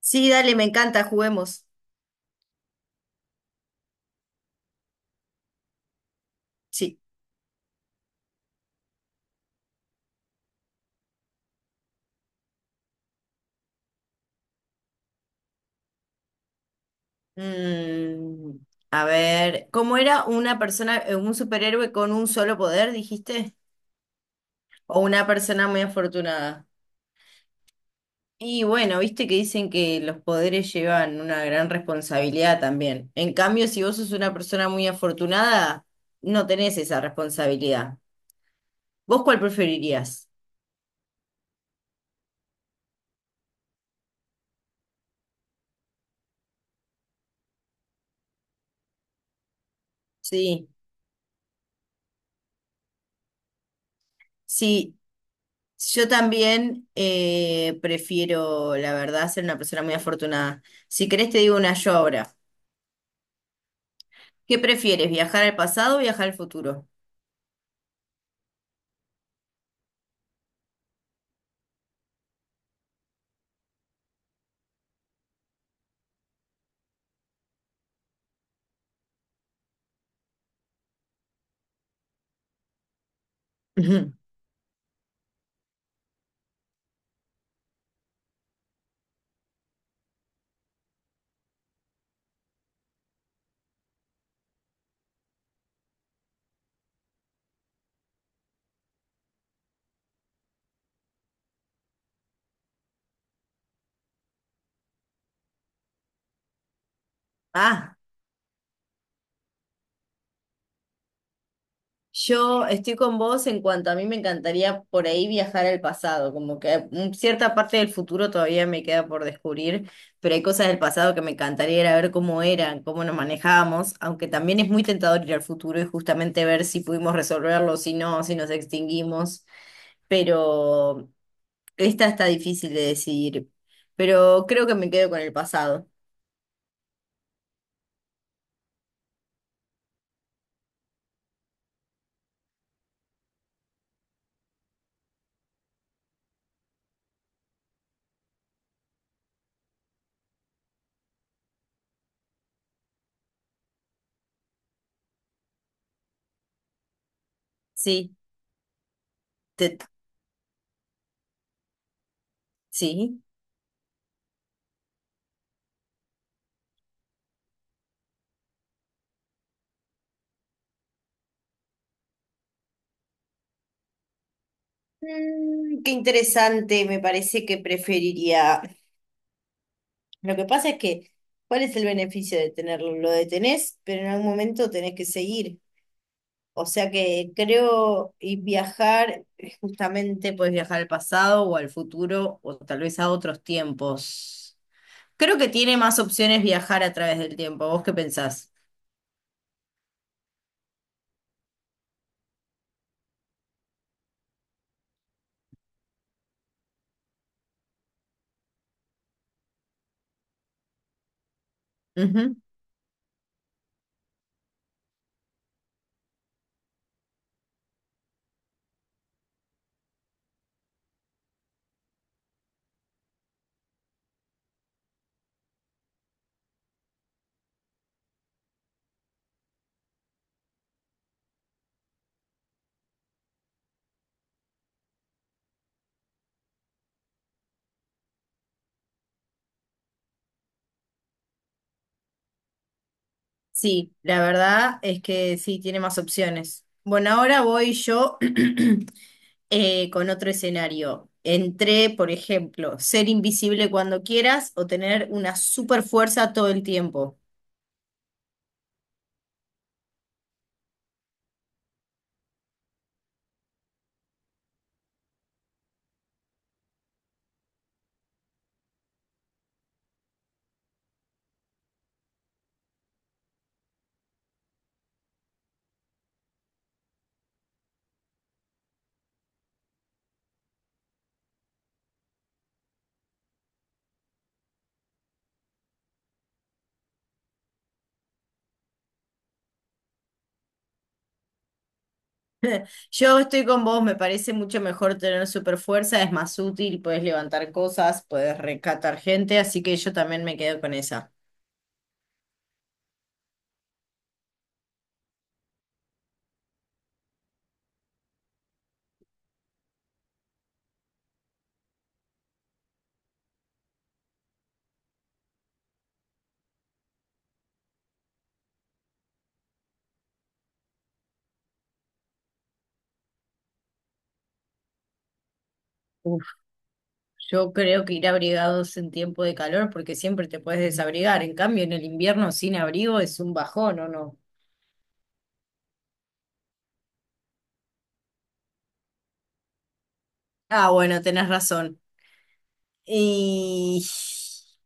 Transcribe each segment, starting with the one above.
Sí, dale, me encanta, juguemos. Sí. Mm, a ver, ¿cómo era una persona, un superhéroe con un solo poder, dijiste? ¿O una persona muy afortunada? Y bueno, viste que dicen que los poderes llevan una gran responsabilidad también. En cambio, si vos sos una persona muy afortunada, no tenés esa responsabilidad. ¿Vos cuál preferirías? Sí, sí. Yo también prefiero, la verdad, ser una persona muy afortunada. Si querés, te digo una yo ahora. ¿Qué prefieres, viajar al pasado o viajar al futuro? Ujú. Ah, yo estoy con vos en cuanto a mí me encantaría por ahí viajar al pasado, como que cierta parte del futuro todavía me queda por descubrir, pero hay cosas del pasado que me encantaría ir a ver cómo eran, cómo nos manejábamos, aunque también es muy tentador ir al futuro y justamente ver si pudimos resolverlo, si no, si nos extinguimos. Pero esta está difícil de decidir, pero creo que me quedo con el pasado. Sí, te- sí. Qué interesante, me parece que preferiría. Lo que pasa es que ¿cuál es el beneficio de tenerlo? Lo detenés, pero en algún momento tenés que seguir. O sea que creo y viajar, justamente puedes viajar al pasado o al futuro o tal vez a otros tiempos. Creo que tiene más opciones viajar a través del tiempo. ¿Vos qué pensás? Sí, la verdad es que sí, tiene más opciones. Bueno, ahora voy yo con otro escenario. Entre, por ejemplo, ser invisible cuando quieras o tener una super fuerza todo el tiempo. Yo estoy con vos, me parece mucho mejor tener super fuerza, es más útil, puedes levantar cosas, puedes rescatar gente, así que yo también me quedo con esa. Yo creo que ir abrigados en tiempo de calor porque siempre te puedes desabrigar. En cambio, en el invierno sin abrigo es un bajón, ¿o no? Ah, bueno, tenés razón. Y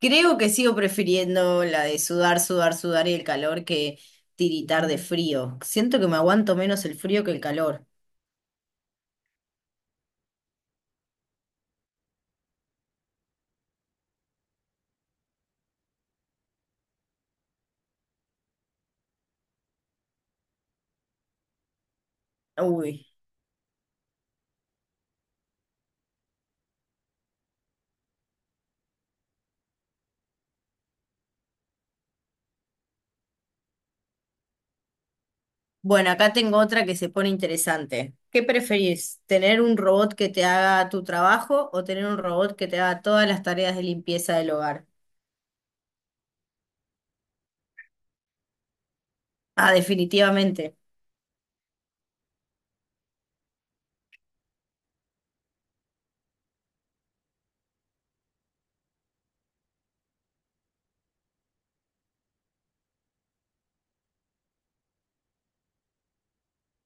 creo que sigo prefiriendo la de sudar, sudar, sudar y el calor que tiritar de frío. Siento que me aguanto menos el frío que el calor. Uy. Bueno, acá tengo otra que se pone interesante. ¿Qué preferís? ¿Tener un robot que te haga tu trabajo o tener un robot que te haga todas las tareas de limpieza del hogar? Ah, definitivamente.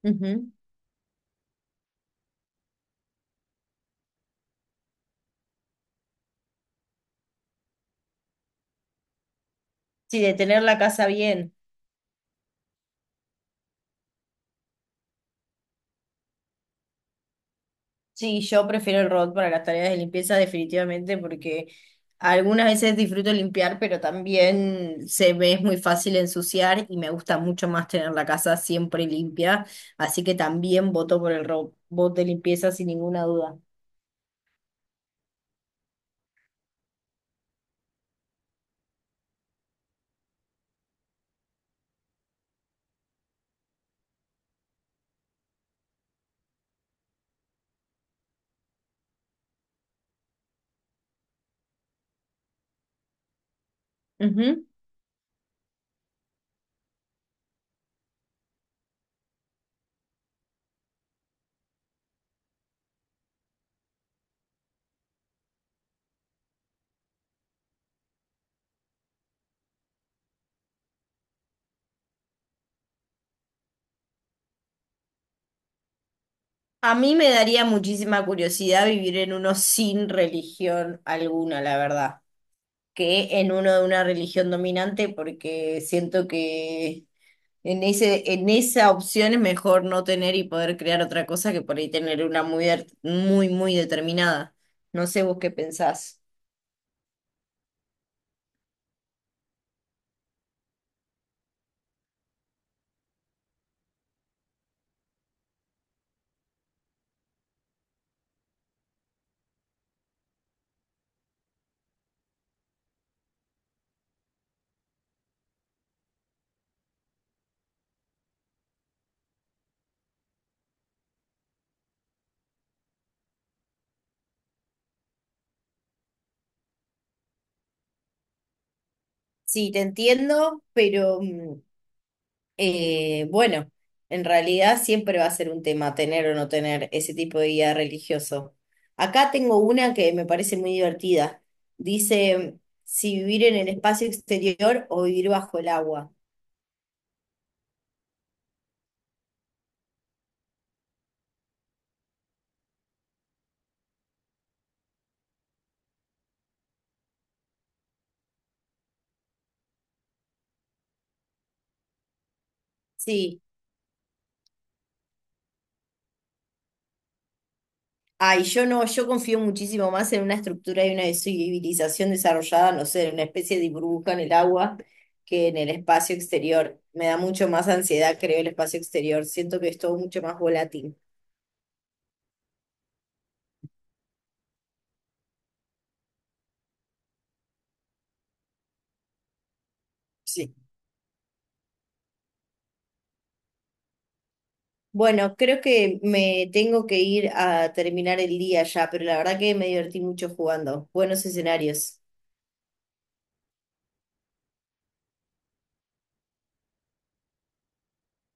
Ujú. Sí, de tener la casa bien. Sí, yo prefiero el robot para las tareas de limpieza definitivamente porque algunas veces disfruto limpiar, pero también se me es muy fácil ensuciar y me gusta mucho más tener la casa siempre limpia. Así que también voto por el robot de limpieza sin ninguna duda. Ujú. A mí me daría muchísima curiosidad vivir en uno sin religión alguna, la verdad, que en uno de una religión dominante porque siento que en ese, en esa opción es mejor no tener y poder crear otra cosa que por ahí tener una muy, muy, muy determinada. No sé vos qué pensás. Sí, te entiendo, pero bueno, en realidad siempre va a ser un tema tener o no tener ese tipo de guía religioso. Acá tengo una que me parece muy divertida. Dice, si vivir en el espacio exterior o vivir bajo el agua. Sí. Ay, yo no, yo confío muchísimo más en una estructura y una civilización desarrollada, no sé, en una especie de burbuja en el agua que en el espacio exterior. Me da mucho más ansiedad, creo, el espacio exterior. Siento que es todo mucho más volátil. Sí. Bueno, creo que me tengo que ir a terminar el día ya, pero la verdad que me divertí mucho jugando. Buenos escenarios.